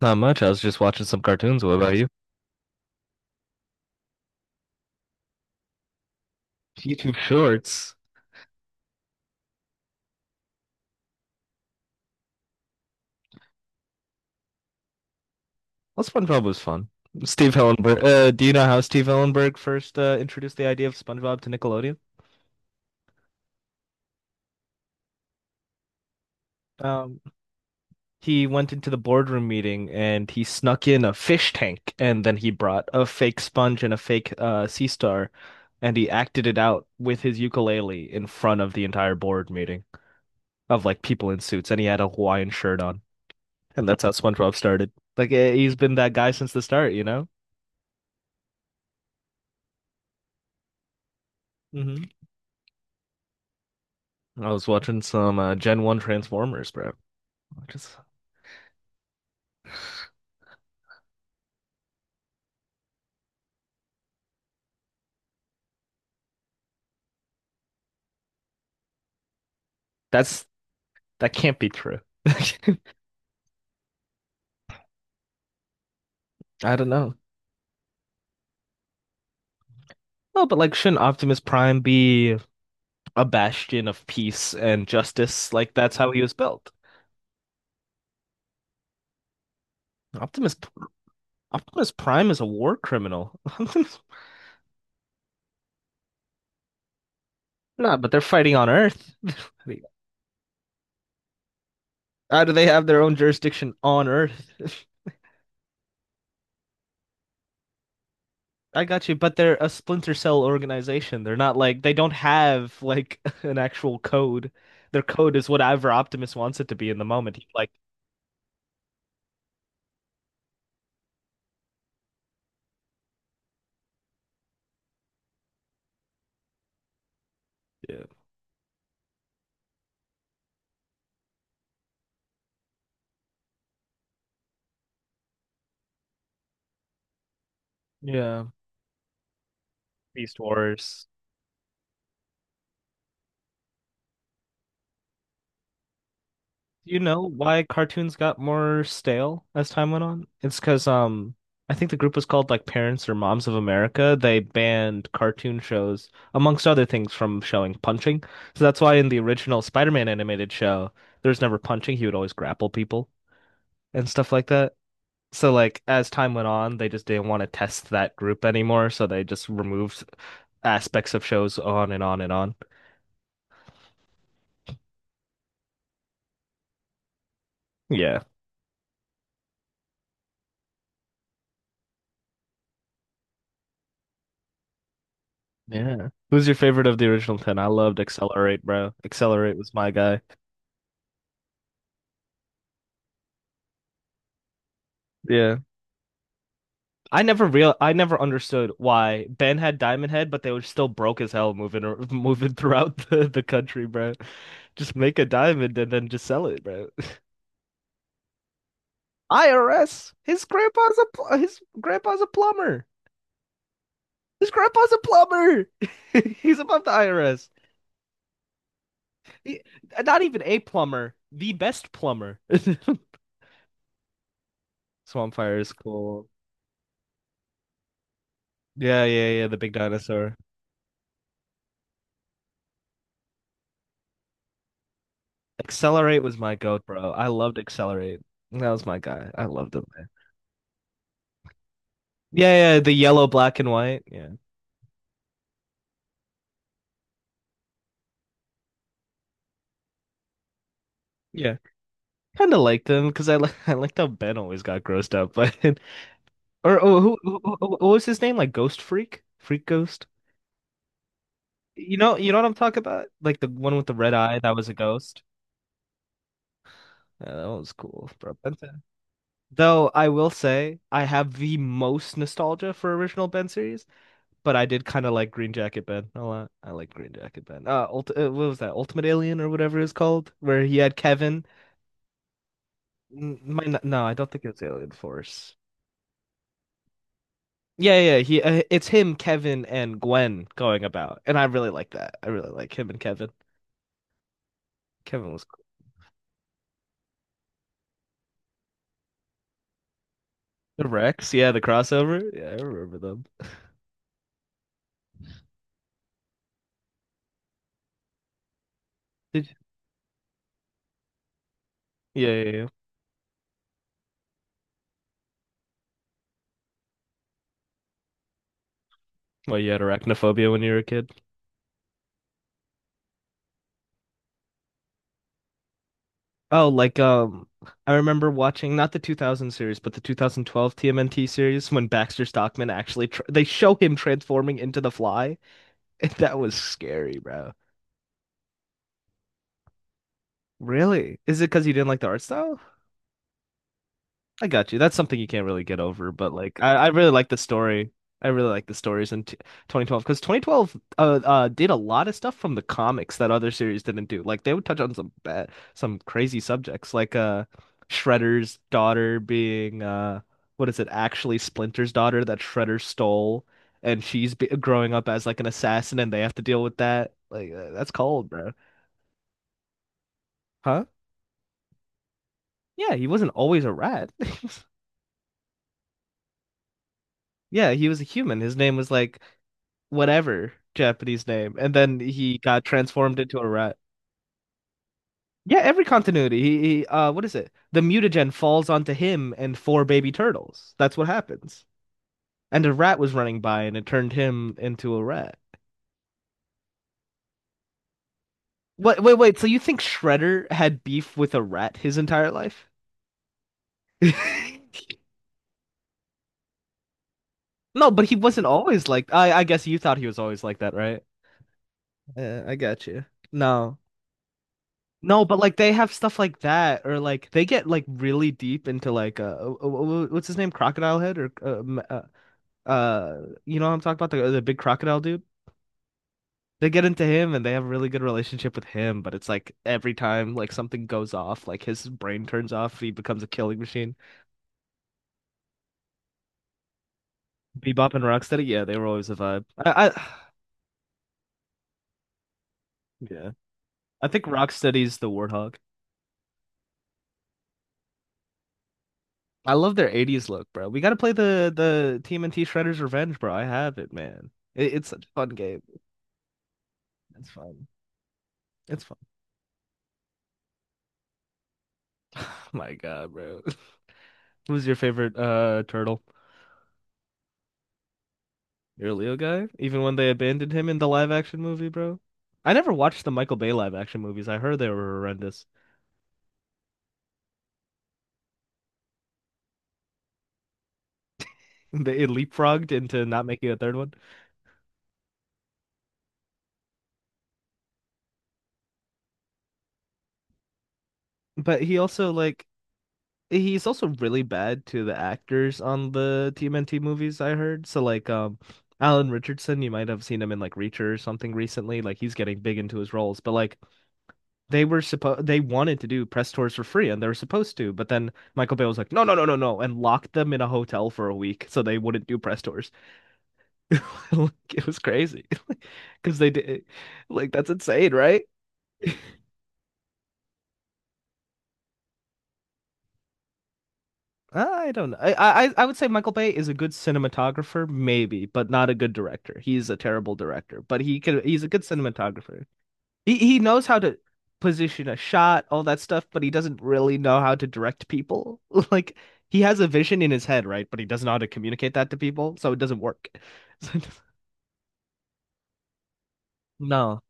Not much. I was just watching some cartoons. What about you? YouTube Shorts. Well, SpongeBob was fun. Steve Hillenburg. Do you know how Steve Hillenburg first introduced the idea of SpongeBob to Nickelodeon? Um, he went into the boardroom meeting and he snuck in a fish tank, and then he brought a fake sponge and a fake sea star, and he acted it out with his ukulele in front of the entire board meeting of like people in suits, and he had a Hawaiian shirt on, and that's how SpongeBob started. Like he's been that guy since the start, you know? Hmm. I was watching some Gen 1 Transformers, bro. I just that's that can't be true. I don't know. Oh, but like, shouldn't Optimus Prime be a bastion of peace and justice? Like, that's how he was built. Optimus Optimus Prime is a war criminal. Nah, but they're fighting on Earth. How do they have their own jurisdiction on Earth? I got you, but they're a splinter cell organization. They're not like they don't have like an actual code. Their code is whatever Optimus wants it to be in the moment. He like yeah. Yeah. Beast Wars. You know why cartoons got more stale as time went on? It's 'cause I think the group was called like Parents or Moms of America. They banned cartoon shows, amongst other things, from showing punching. So that's why in the original Spider-Man animated show, there was never punching. He would always grapple people and stuff like that. So like as time went on, they just didn't want to test that group anymore, so they just removed aspects of shows on and on and on. Yeah. Yeah. Who's your favorite of the original 10? I loved Accelerate, bro. Accelerate was my guy. Yeah. I never understood why Ben had Diamond Head, but they were still broke as hell moving throughout the country, bro. Just make a diamond and then just sell it, bro. IRS. His grandpa's a plumber. His grandpa's a plumber. He's above the IRS. He, Not even a plumber, the best plumber. Swampfire is cool. Yeah, yeah, yeah. The big dinosaur. Accelerate was my goat, bro. I loved Accelerate. That was my guy. I loved him, man. Yeah, yeah. The yellow, black, and white. Yeah, yeah. Kind of liked him because I li I liked how Ben always got grossed up. But or oh, what was his name? Like Ghost Freak, Freak Ghost. You know what I'm talking about? Like the one with the red eye that was a ghost. Yeah, that was cool, bro. Ben 10. Though I will say I have the most nostalgia for original Ben series, but I did kind of like Green Jacket Ben a lot. I like Green Jacket Ben. Ult What was that? Ultimate Alien or whatever it was called, where he had Kevin. N- might not- No, I don't think it was Alien Force. Yeah, yeah, he. It's him, Kevin, and Gwen going about, and I really like that. I really like him and Kevin. Kevin was cool. The Rex, yeah, the crossover. Yeah, I remember them. Did you? Yeah, yeah, yeah. Well, you had arachnophobia when you were a kid. Oh, like I remember watching not the 2000 series, but the 2012 TMNT series when Baxter Stockman actually tr they show him transforming into the Fly, that was scary, bro. Really? Is it because you didn't like the art style? I got you. That's something you can't really get over, but like I really like the story. I really like the stories in t 2012 because 2012 did a lot of stuff from the comics that other series didn't do. Like they would touch on some bad, some crazy subjects, like Shredder's daughter being what is it, actually Splinter's daughter that Shredder stole, and she's be growing up as like an assassin, and they have to deal with that. Like that's cold, bro. Huh? Yeah, he wasn't always a rat. Yeah, he was a human. His name was like whatever Japanese name, and then he got transformed into a rat. Yeah, every continuity. He What is it? The mutagen falls onto him and four baby turtles. That's what happens. And a rat was running by, and it turned him into a rat. Wait, wait, wait. So you think Shredder had beef with a rat his entire life? No, but he wasn't always like. I guess you thought he was always like that, right? Yeah, I got you. No. No, but like they have stuff like that, or like they get like really deep into like what's his name, Crocodile Head, or you know what I'm talking about, the big crocodile dude. They get into him and they have a really good relationship with him, but it's like every time like something goes off, like his brain turns off, he becomes a killing machine. Bebop and Rocksteady, yeah, they were always a vibe. I yeah, I think Rocksteady's the Warthog. I love their 80s look, bro. We got to play the TMNT Shredder's Revenge, bro. I have it, man. It's such a fun game. It's fun. It's fun. My God, bro. Who's your favorite turtle? You're a Leo guy? Even when they abandoned him in the live action movie, bro? I never watched the Michael Bay live action movies. I heard they were horrendous. They it leapfrogged into not making a third one. But he also like he's also really bad to the actors on the TMNT movies, I heard. So like Alan Richardson, you might have seen him in like Reacher or something recently. Like he's getting big into his roles. But like they were supposed they wanted to do press tours for free and they were supposed to, but then Michael Bay was like, no, no, no, no, no, and locked them in a hotel for a week so they wouldn't do press tours. It was crazy because they did like that's insane, right? I don't know. I would say Michael Bay is a good cinematographer, maybe, but not a good director. He's a terrible director, but he's a good cinematographer. He knows how to position a shot, all that stuff, but he doesn't really know how to direct people. Like he has a vision in his head, right? But he doesn't know how to communicate that to people, so it doesn't work. So no.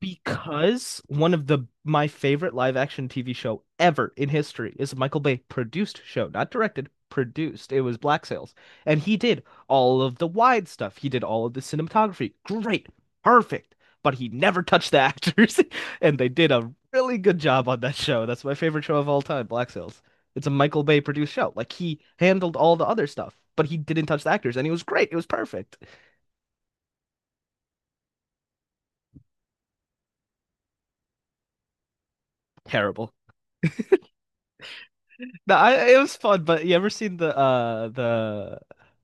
Because one of the my favorite live action TV show ever in history is a Michael Bay produced show, not directed, produced. It was Black Sails, and he did all of the wide stuff. He did all of the cinematography. Great, perfect. But he never touched the actors, and they did a really good job on that show. That's my favorite show of all time, Black Sails. It's a Michael Bay produced show. Like he handled all the other stuff, but he didn't touch the actors, and it was great. It was perfect. Terrible. No, I, It was fun, but you ever seen the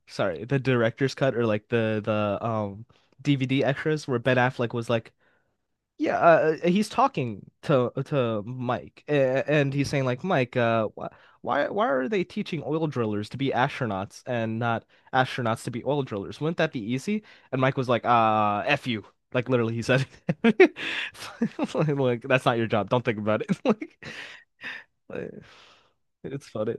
sorry, the director's cut or like the DVD extras where Ben Affleck was like, yeah, he's talking to Mike, and he's saying like, Mike, wh why are they teaching oil drillers to be astronauts and not astronauts to be oil drillers? Wouldn't that be easy? And Mike was like, F you. Like literally he said it. Like, that's not your job. Don't think about it. Like, it's funny.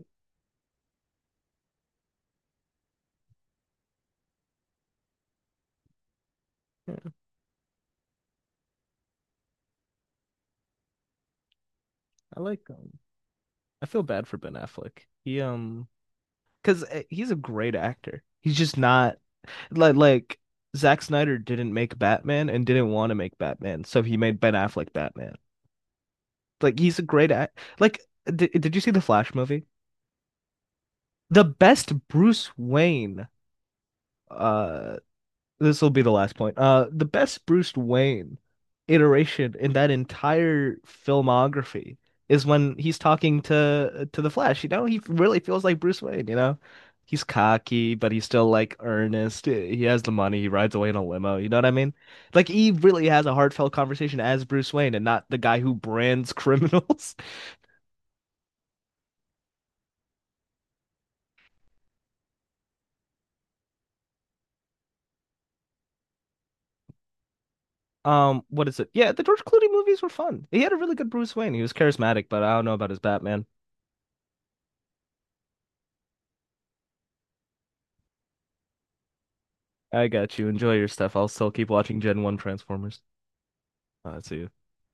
I like I feel bad for Ben Affleck. He um cuz he's a great actor. He's just not like like Zack Snyder didn't make Batman and didn't want to make Batman, so he made Ben Affleck Batman. Like he's a great act. Like did you see the Flash movie? The best Bruce Wayne uh this will be the last point. The best Bruce Wayne iteration in that entire filmography is when he's talking to the Flash. You know, he really feels like Bruce Wayne. You know, he's cocky, but he's still like earnest. He has the money. He rides away in a limo. You know what I mean? Like he really has a heartfelt conversation as Bruce Wayne, and not the guy who brands criminals. What is it? Yeah, the George Clooney movies were fun. He had a really good Bruce Wayne. He was charismatic, but I don't know about his Batman. I got you. Enjoy your stuff. I'll still keep watching Gen 1 Transformers. See you.